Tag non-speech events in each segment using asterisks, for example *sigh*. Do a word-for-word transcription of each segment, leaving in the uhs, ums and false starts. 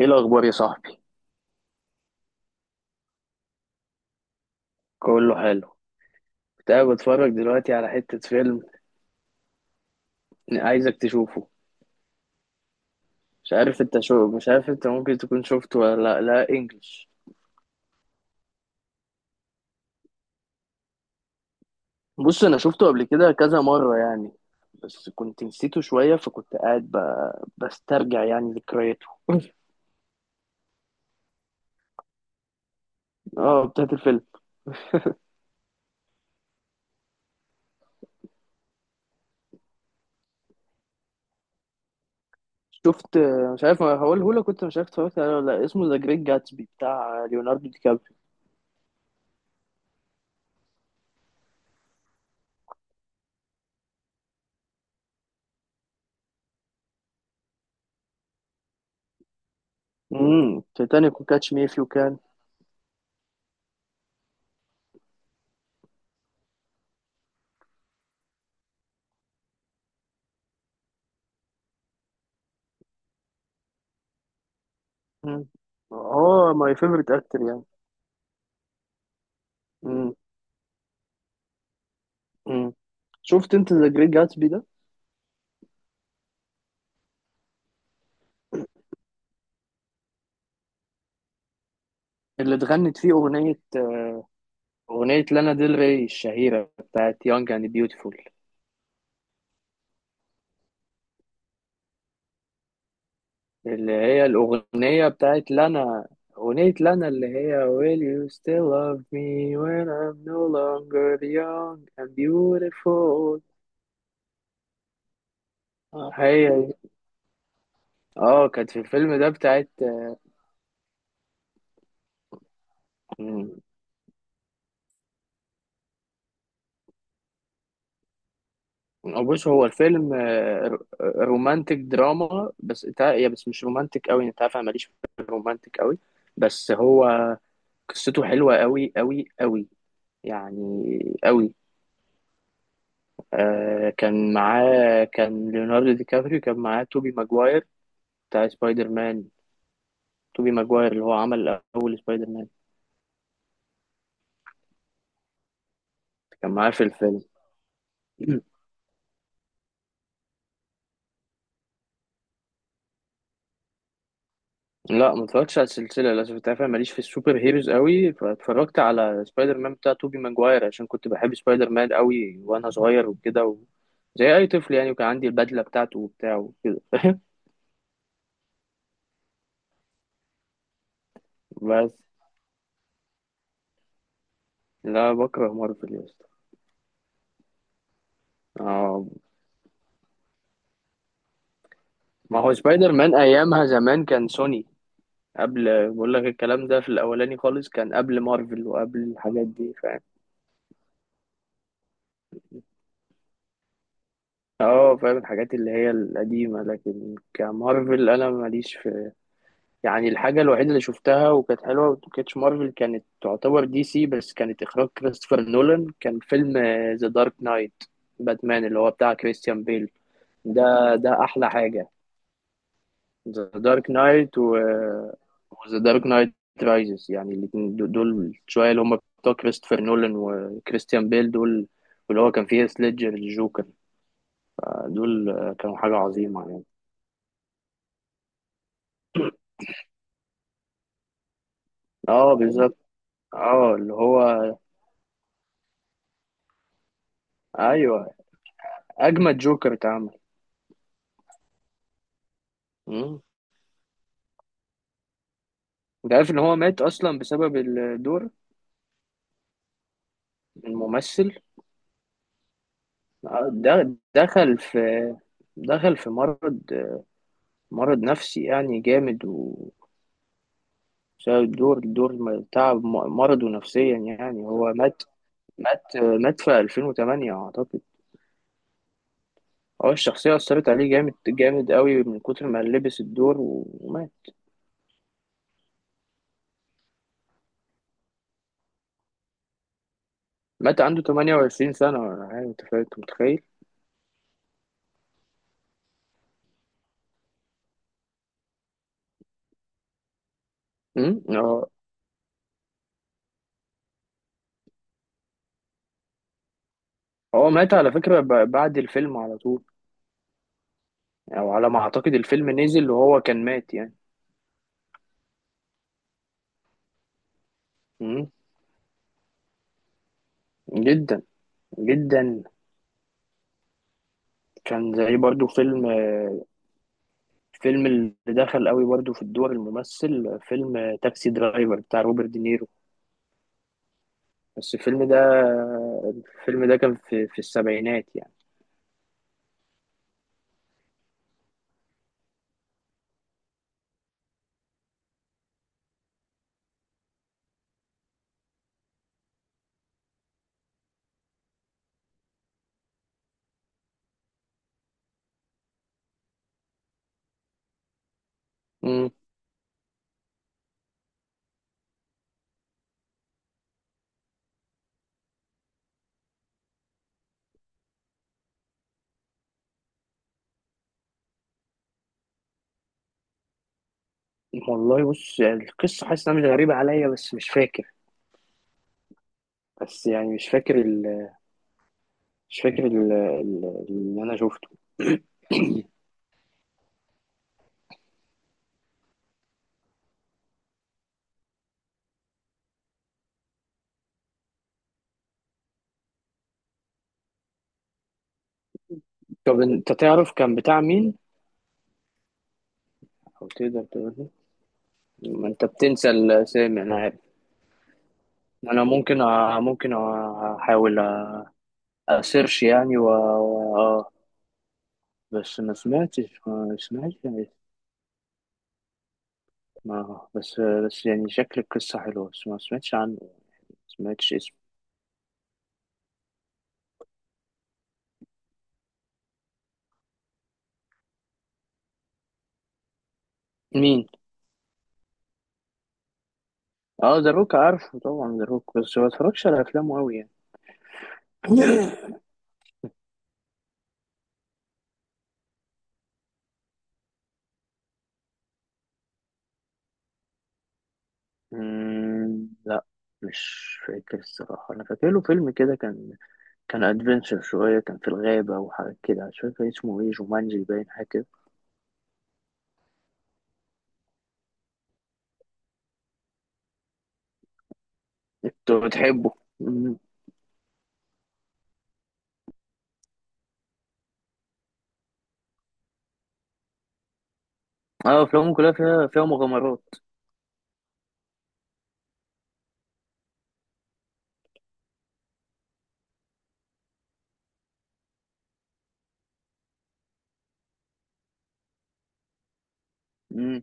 ايه الاخبار يا صاحبي؟ كله حلو. كنت قاعد بتفرج دلوقتي على حتة فيلم عايزك تشوفه. مش عارف انت شو مش عارف، انت ممكن تكون شفته ولا لا، لا انجلش. بص، انا شفته قبل كده كذا مرة يعني، بس كنت نسيته شوية، فكنت قاعد ب... بسترجع يعني ذكرياته. *laughs* اه، بتاعت الفيلم. شفت، مش عارف هقوله لك، كنت مش عارف اتفرجت عليه ولا لا. اسمه ذا جريت جاتسبي بتاع ليوناردو دي كابريو. امم تيتانيك وكاتش مي اف يو كان. هو ماي فيفورت اكتر يعني. امم شفت انت ذا جريت جاتسبي ده؟ اللي اتغنت فيه اغنيه اغنيه لانا ديل ري الشهيره بتاعت يونج اند بيوتيفول. اللي هي الاغنيه بتاعت لانا، اغنيه لانا اللي هي Will you still love me when I'm no longer young and beautiful. هي دي. اه، كانت في الفيلم ده بتاعت. مم. بص، هو الفيلم آه، رومانتك دراما، بس انت- يا بس مش رومانتك قوي، انت عارف انا ماليش في الرومانتك قوي. بس هو قصته حلوة قوي قوي قوي، يعني قوي. آه كان معاه، كان ليوناردو دي كابريو كان معاه توبي ماجواير، بتاع سبايدر مان. توبي ماجواير اللي هو عمل أول سبايدر مان. كان معاه في الفيلم. *clears throat* لا، ما اتفرجتش على السلسلة للأسف. انت عارف أنا ماليش في السوبر هيروز قوي، فاتفرجت على سبايدر مان بتاع توبي ماجواير عشان كنت بحب سبايدر مان قوي وأنا صغير وكده و... زي أي طفل يعني، وكان عندي البدلة بتاعته وبتاع وكده. *laughs* بس لا، بكره مارفل يا اسطى. آه. ما هو سبايدر مان ايامها زمان كان سوني، قبل، بقول لك الكلام ده في الاولاني خالص، كان قبل مارفل وقبل الحاجات دي، فاهم. اه، فاهم الحاجات اللي هي القديمة، لكن كمارفل انا ماليش في يعني. الحاجة الوحيدة اللي شفتها وكانت حلوة وكانتش مارفل، كانت تعتبر دي سي، بس كانت اخراج كريستوفر نولان، كان فيلم ذا دارك نايت، باتمان اللي هو بتاع كريستيان بيل. ده ده احلى حاجة. ذا دارك نايت و ذا دارك نايت رايزز، يعني الاتنين دو- دول، شوية اللي هم بتوع كريستوفر نولان وكريستيان بيل دول، واللي هو كان فيه سليدجر الجوكر دول، كانوا حاجة عظيمة يعني. اه، بالظبط. اه، اللي هو، ايوه، اجمد جوكر اتعمل. مم. انت عارف ان هو مات اصلا بسبب الدور، الممثل؟ آه، ده دخل في، دخل في مرض مرض نفسي يعني جامد، بسبب الدور، الدور م- تعب، م- مرضه نفسيا يعني، هو مات. مات مات في ألفين وتمانية أعتقد. هو الشخصية أثرت عليه جامد جامد قوي من كتر ما لبس الدور، ومات. مات عنده 28 سنة ولا حاجة. أنت فا- أنت متخيل؟ أمم؟ هو هو مات على فكرة، ب- بعد الفيلم على طول، أو على ما أعتقد الفيلم نزل وهو كان مات يعني. أمم؟ جدا جدا. كان زي برضو فيلم، فيلم اللي دخل قوي برضو في الدور الممثل، فيلم تاكسي درايفر بتاع روبرت دينيرو. بس الفيلم ده، الفيلم ده كان في في السبعينات يعني. امم والله، بص يعني القصة حاسس انها مش غريبة عليا، بس مش فاكر، بس يعني مش فاكر ال... مش فاكر ال... ال... اللي انا شفته. طب انت تعرف كان بتاع مين، او تقدر تقول لي؟ ما انت بتنسى الاسامي انا عارف. انا ممكن أ... ممكن أ- احاول اسيرش يعني و... و... اه بس ما سمعتش ما سمعتش يعني، ما بس، بس يعني شكل القصة حلوة، بس ما سمعتش عنه، ما سمعتش اسمه. مين؟ اه، ذا روك، عارفه طبعا ذا روك، بس ما بتفرجش على افلامه قوي يعني. *laughs* مم، لا. مش فاكر الصراحه، انا فاكر له فيلم كده، كان كان ادفنشر شويه، كان في الغابه وحاجات كده، مش فاكر اسمه ايه، جومانجي باين حاجه كده. انت بتحبه؟ مم. اه، افلامه كلها فيها فيها مغامرات. مم.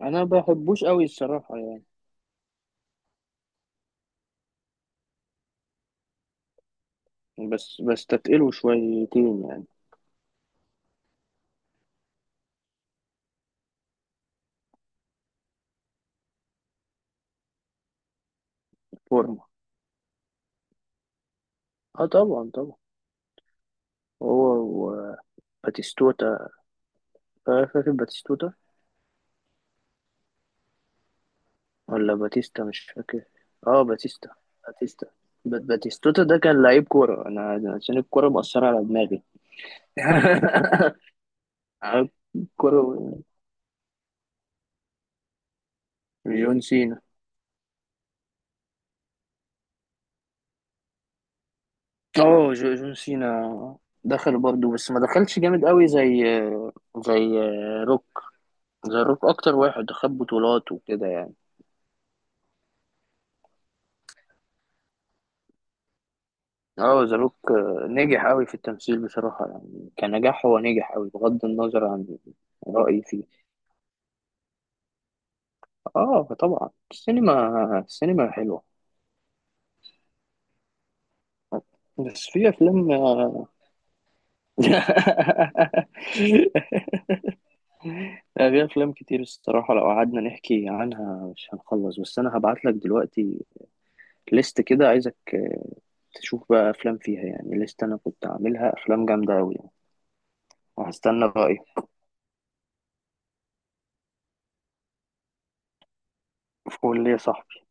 انا ما بحبوش قوي الصراحه يعني، بس بستتقله شويتين يعني. فورمه؟ اه، طبعا طبعا. هو و- باتيستوتا، آه، فاكر باتيستوتا ولا باتيستا، مش فاكر. اه، باتيستا، باتيستا، بات- باتيستوتا ده كان لعيب كورة، أنا أنا عشان الكورة مأثرة على دماغي. *laughs* عارف، الكورة. جون سينا، اه، جو- جون سينا دخل برضه، بس ما دخلش جامد قوي، زي زي روك. زي روك أكتر واحد خد بطولات وكده يعني. اه، ذا روك نجح قوي في التمثيل بصراحة، يعني كنجاح هو نجح قوي بغض النظر عن رأيي فيه. اه، طبعا، السينما، السينما حلوة، بس في افلام. *laughs* في افلام كتير الصراحه، لو قعدنا نحكي عنها مش هنخلص، بس انا هبعت لك دلوقتي ليست كده، عايزك تشوف بقى افلام فيها يعني، ليست انا كنت عاملها افلام جامده قوي يعني، وهستنى رايك. قول لي يا صاحبي.